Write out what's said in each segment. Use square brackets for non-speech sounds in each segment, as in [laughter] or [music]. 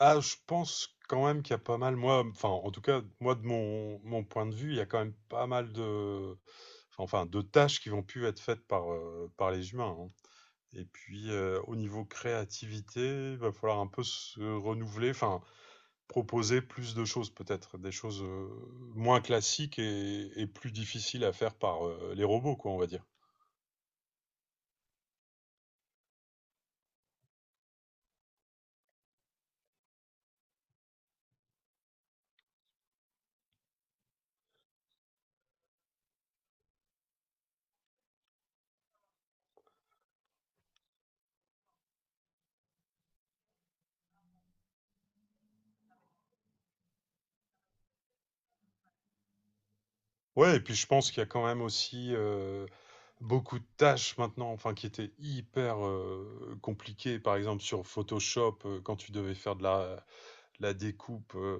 Ah, je pense quand même qu'il y a pas mal, moi, enfin, en tout cas, moi, de mon point de vue, il y a quand même pas mal de, enfin, de tâches qui vont plus être faites par, par les humains, hein. Et puis, au niveau créativité, il va falloir un peu se renouveler, enfin, proposer plus de choses peut-être, des choses moins classiques et plus difficiles à faire par les robots, quoi, on va dire. Ouais, et puis je pense qu'il y a quand même aussi beaucoup de tâches maintenant, enfin qui étaient hyper, compliquées. Par exemple sur Photoshop, quand tu devais faire de la découpe,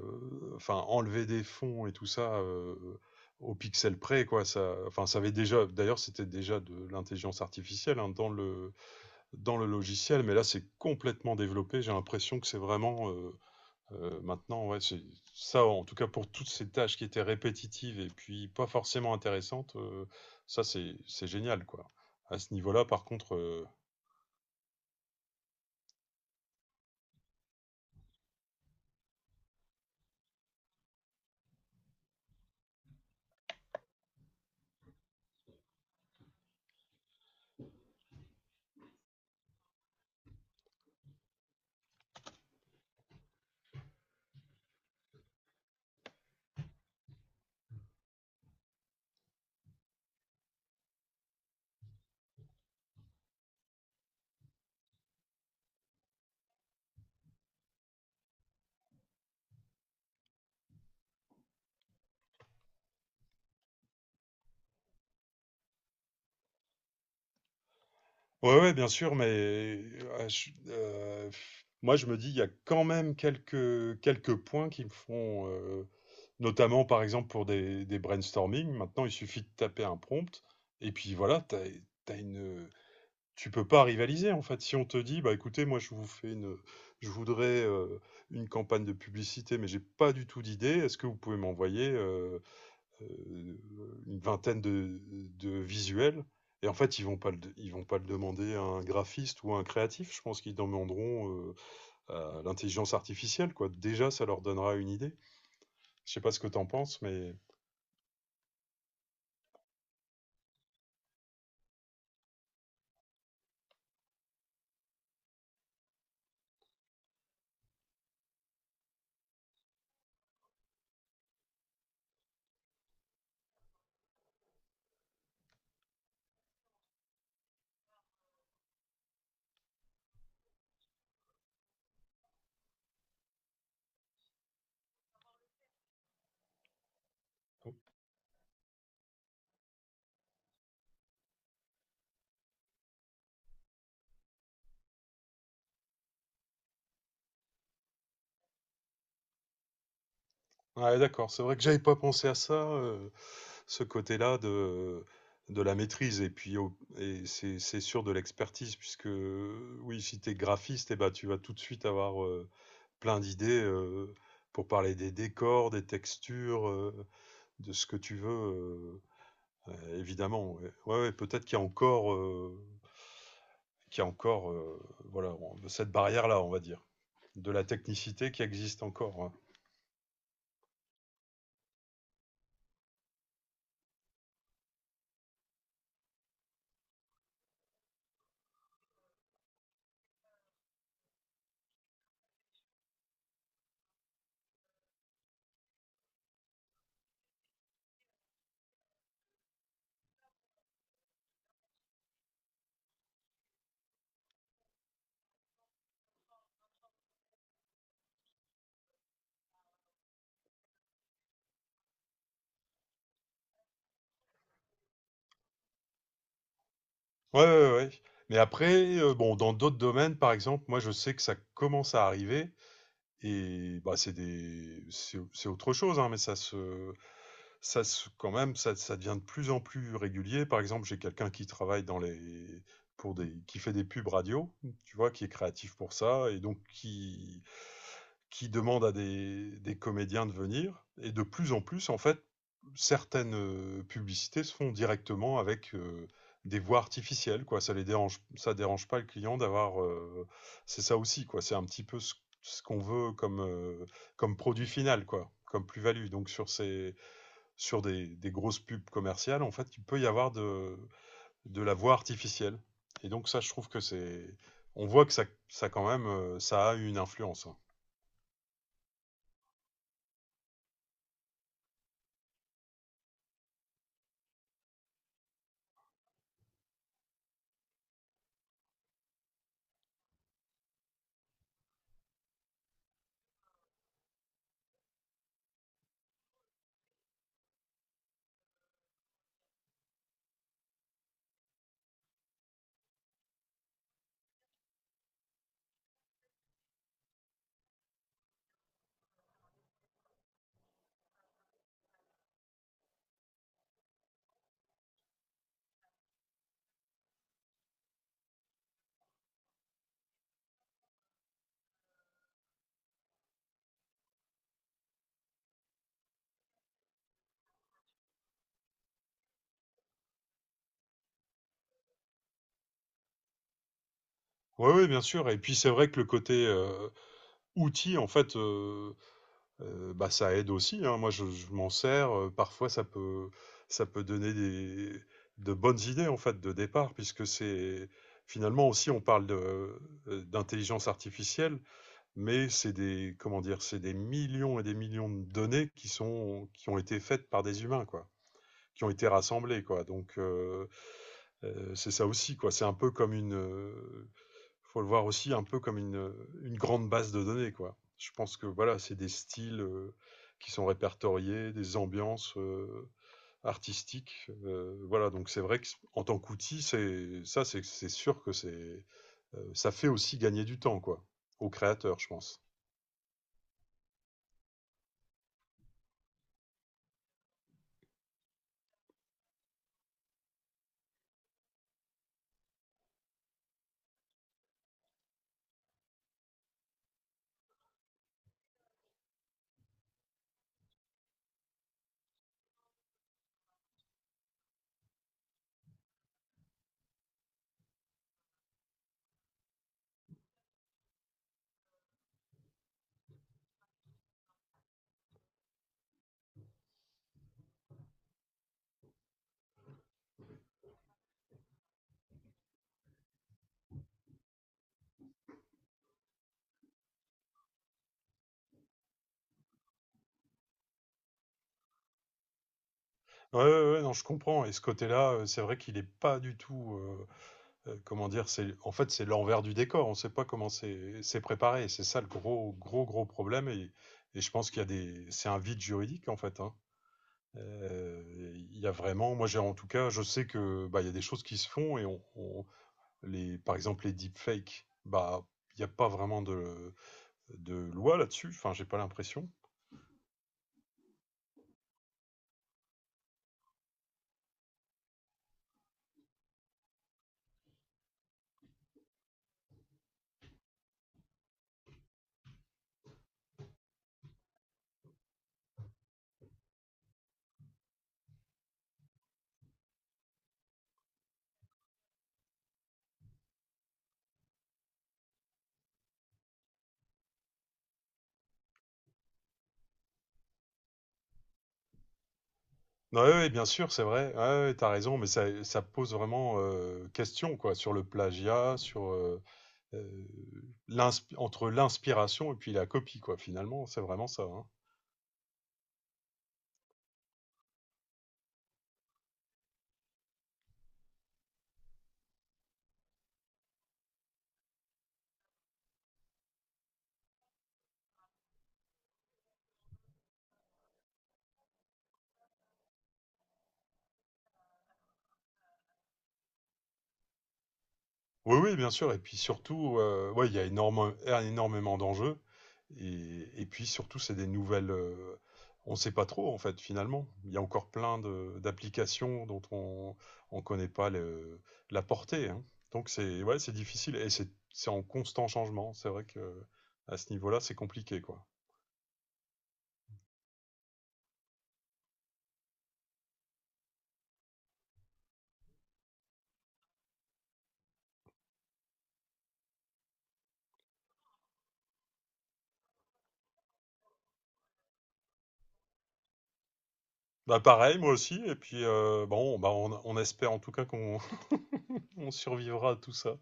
enfin enlever des fonds et tout ça, au pixel près, quoi. Ça, enfin ça avait déjà, d'ailleurs c'était déjà de l'intelligence artificielle, hein, dans le logiciel, mais là c'est complètement développé. J'ai l'impression que c'est vraiment, maintenant, ouais, c'est ça, en tout cas pour toutes ces tâches qui étaient répétitives et puis pas forcément intéressantes, ça c'est génial, quoi. À ce niveau-là, par contre, ouais, ouais, bien sûr, mais moi je me dis, il y a quand même quelques points qui me font, notamment par exemple pour des brainstorming. Maintenant, il suffit de taper un prompt et puis voilà, t'as as une, tu peux pas rivaliser en fait. Si on te dit, bah écoutez, moi je vous fais une, je voudrais une campagne de publicité, mais j'ai pas du tout d'idée. Est-ce que vous pouvez m'envoyer euh, une vingtaine de visuels? Et en fait, ils vont pas le demander à un graphiste ou à un créatif. Je pense qu'ils demanderont à l'intelligence artificielle, quoi. Déjà, ça leur donnera une idée. Je sais pas ce que t'en penses, mais bon. Ouais, d'accord. C'est vrai que j'avais pas pensé à ça. Ce côté-là de la maîtrise et puis c'est sûr, de l'expertise, puisque oui, si tu es graphiste, eh ben, tu vas tout de suite avoir plein d'idées, pour parler des décors, des textures, de ce que tu veux, évidemment. Ouais, ouais, ouais, peut-être qu'il y a encore, qu'il y a encore voilà, cette barrière-là, on va dire, de la technicité qui existe encore, hein. Ouais, ouais, ouais, ouais. Mais après, bon, dans d'autres domaines, par exemple, moi je sais que ça commence à arriver. Et bah, c'est des c'est autre chose, hein, mais ça se quand même, ça devient de plus en plus régulier. Par exemple, j'ai quelqu'un qui travaille dans les pour des qui fait des pubs radio, tu vois, qui est créatif pour ça et donc qui demandent à des comédiens de venir. Et de plus en plus, en fait, certaines publicités se font directement avec des voix artificielles, quoi. Ça dérange pas le client d'avoir, c'est ça aussi, quoi. C'est un petit peu ce, ce qu'on veut comme comme produit final, quoi, comme plus-value. Donc sur des grosses pubs commerciales, en fait, il peut y avoir de la voix artificielle. Et donc ça, je trouve que c'est on voit que ça quand même, ça a une influence, hein. Oui, oui, bien sûr. Et puis c'est vrai que le côté outil, en fait, bah, ça aide aussi, hein. Moi, je m'en sers, parfois, ça peut donner des, de bonnes idées, en fait, de départ, puisque c'est finalement aussi, on parle de, d'intelligence artificielle, mais c'est des, comment dire, c'est des millions et des millions de données qui ont été faites par des humains, quoi, qui ont été rassemblées, quoi. Donc c'est ça aussi, quoi. C'est un peu comme une, Faut le voir aussi un peu comme une grande base de données, quoi. Je pense que voilà, c'est des styles, qui sont répertoriés, des ambiances, artistiques, voilà, donc c'est vrai que en tant qu'outil, c'est ça, c'est sûr que c'est, ça fait aussi gagner du temps, quoi, aux créateurs, je pense. Ouais, ouais, ouais, non, je comprends, et ce côté-là, c'est vrai qu'il est pas du tout, comment dire, c'est en fait c'est l'envers du décor. On ne sait pas comment c'est préparé. C'est ça le gros problème. Et je pense qu'il y a des, c'est un vide juridique en fait, hein. Il y a vraiment, moi j'ai, en tout cas, je sais que bah, il y a des choses qui se font et par exemple les deepfakes, bah il n'y a pas vraiment de loi là-dessus. Enfin, j'ai pas l'impression. Non, ouais, ouais, bien sûr, c'est vrai. Ouais, ouais, t'as raison, mais ça pose vraiment question, quoi, sur le plagiat, sur euh, entre l'inspiration et puis la copie, quoi, finalement, c'est vraiment ça, hein. Oui, oui, bien sûr. Et puis surtout, ouais, il y a énormément d'enjeux. Et puis surtout, c'est des nouvelles, on ne sait pas trop, en fait, finalement. Il y a encore d'applications dont on ne connaît pas la portée, hein. Donc, c'est ouais, c'est difficile et c'est en constant changement. C'est vrai que à ce niveau-là, c'est compliqué, quoi. Bah, pareil, moi aussi. Et puis, bon, bah, on espère en tout cas qu'on [laughs] on survivra à tout ça.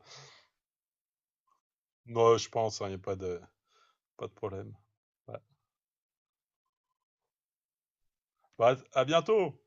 Non, je pense, hein, il n'y a pas pas de problème. Voilà. Bah, à bientôt!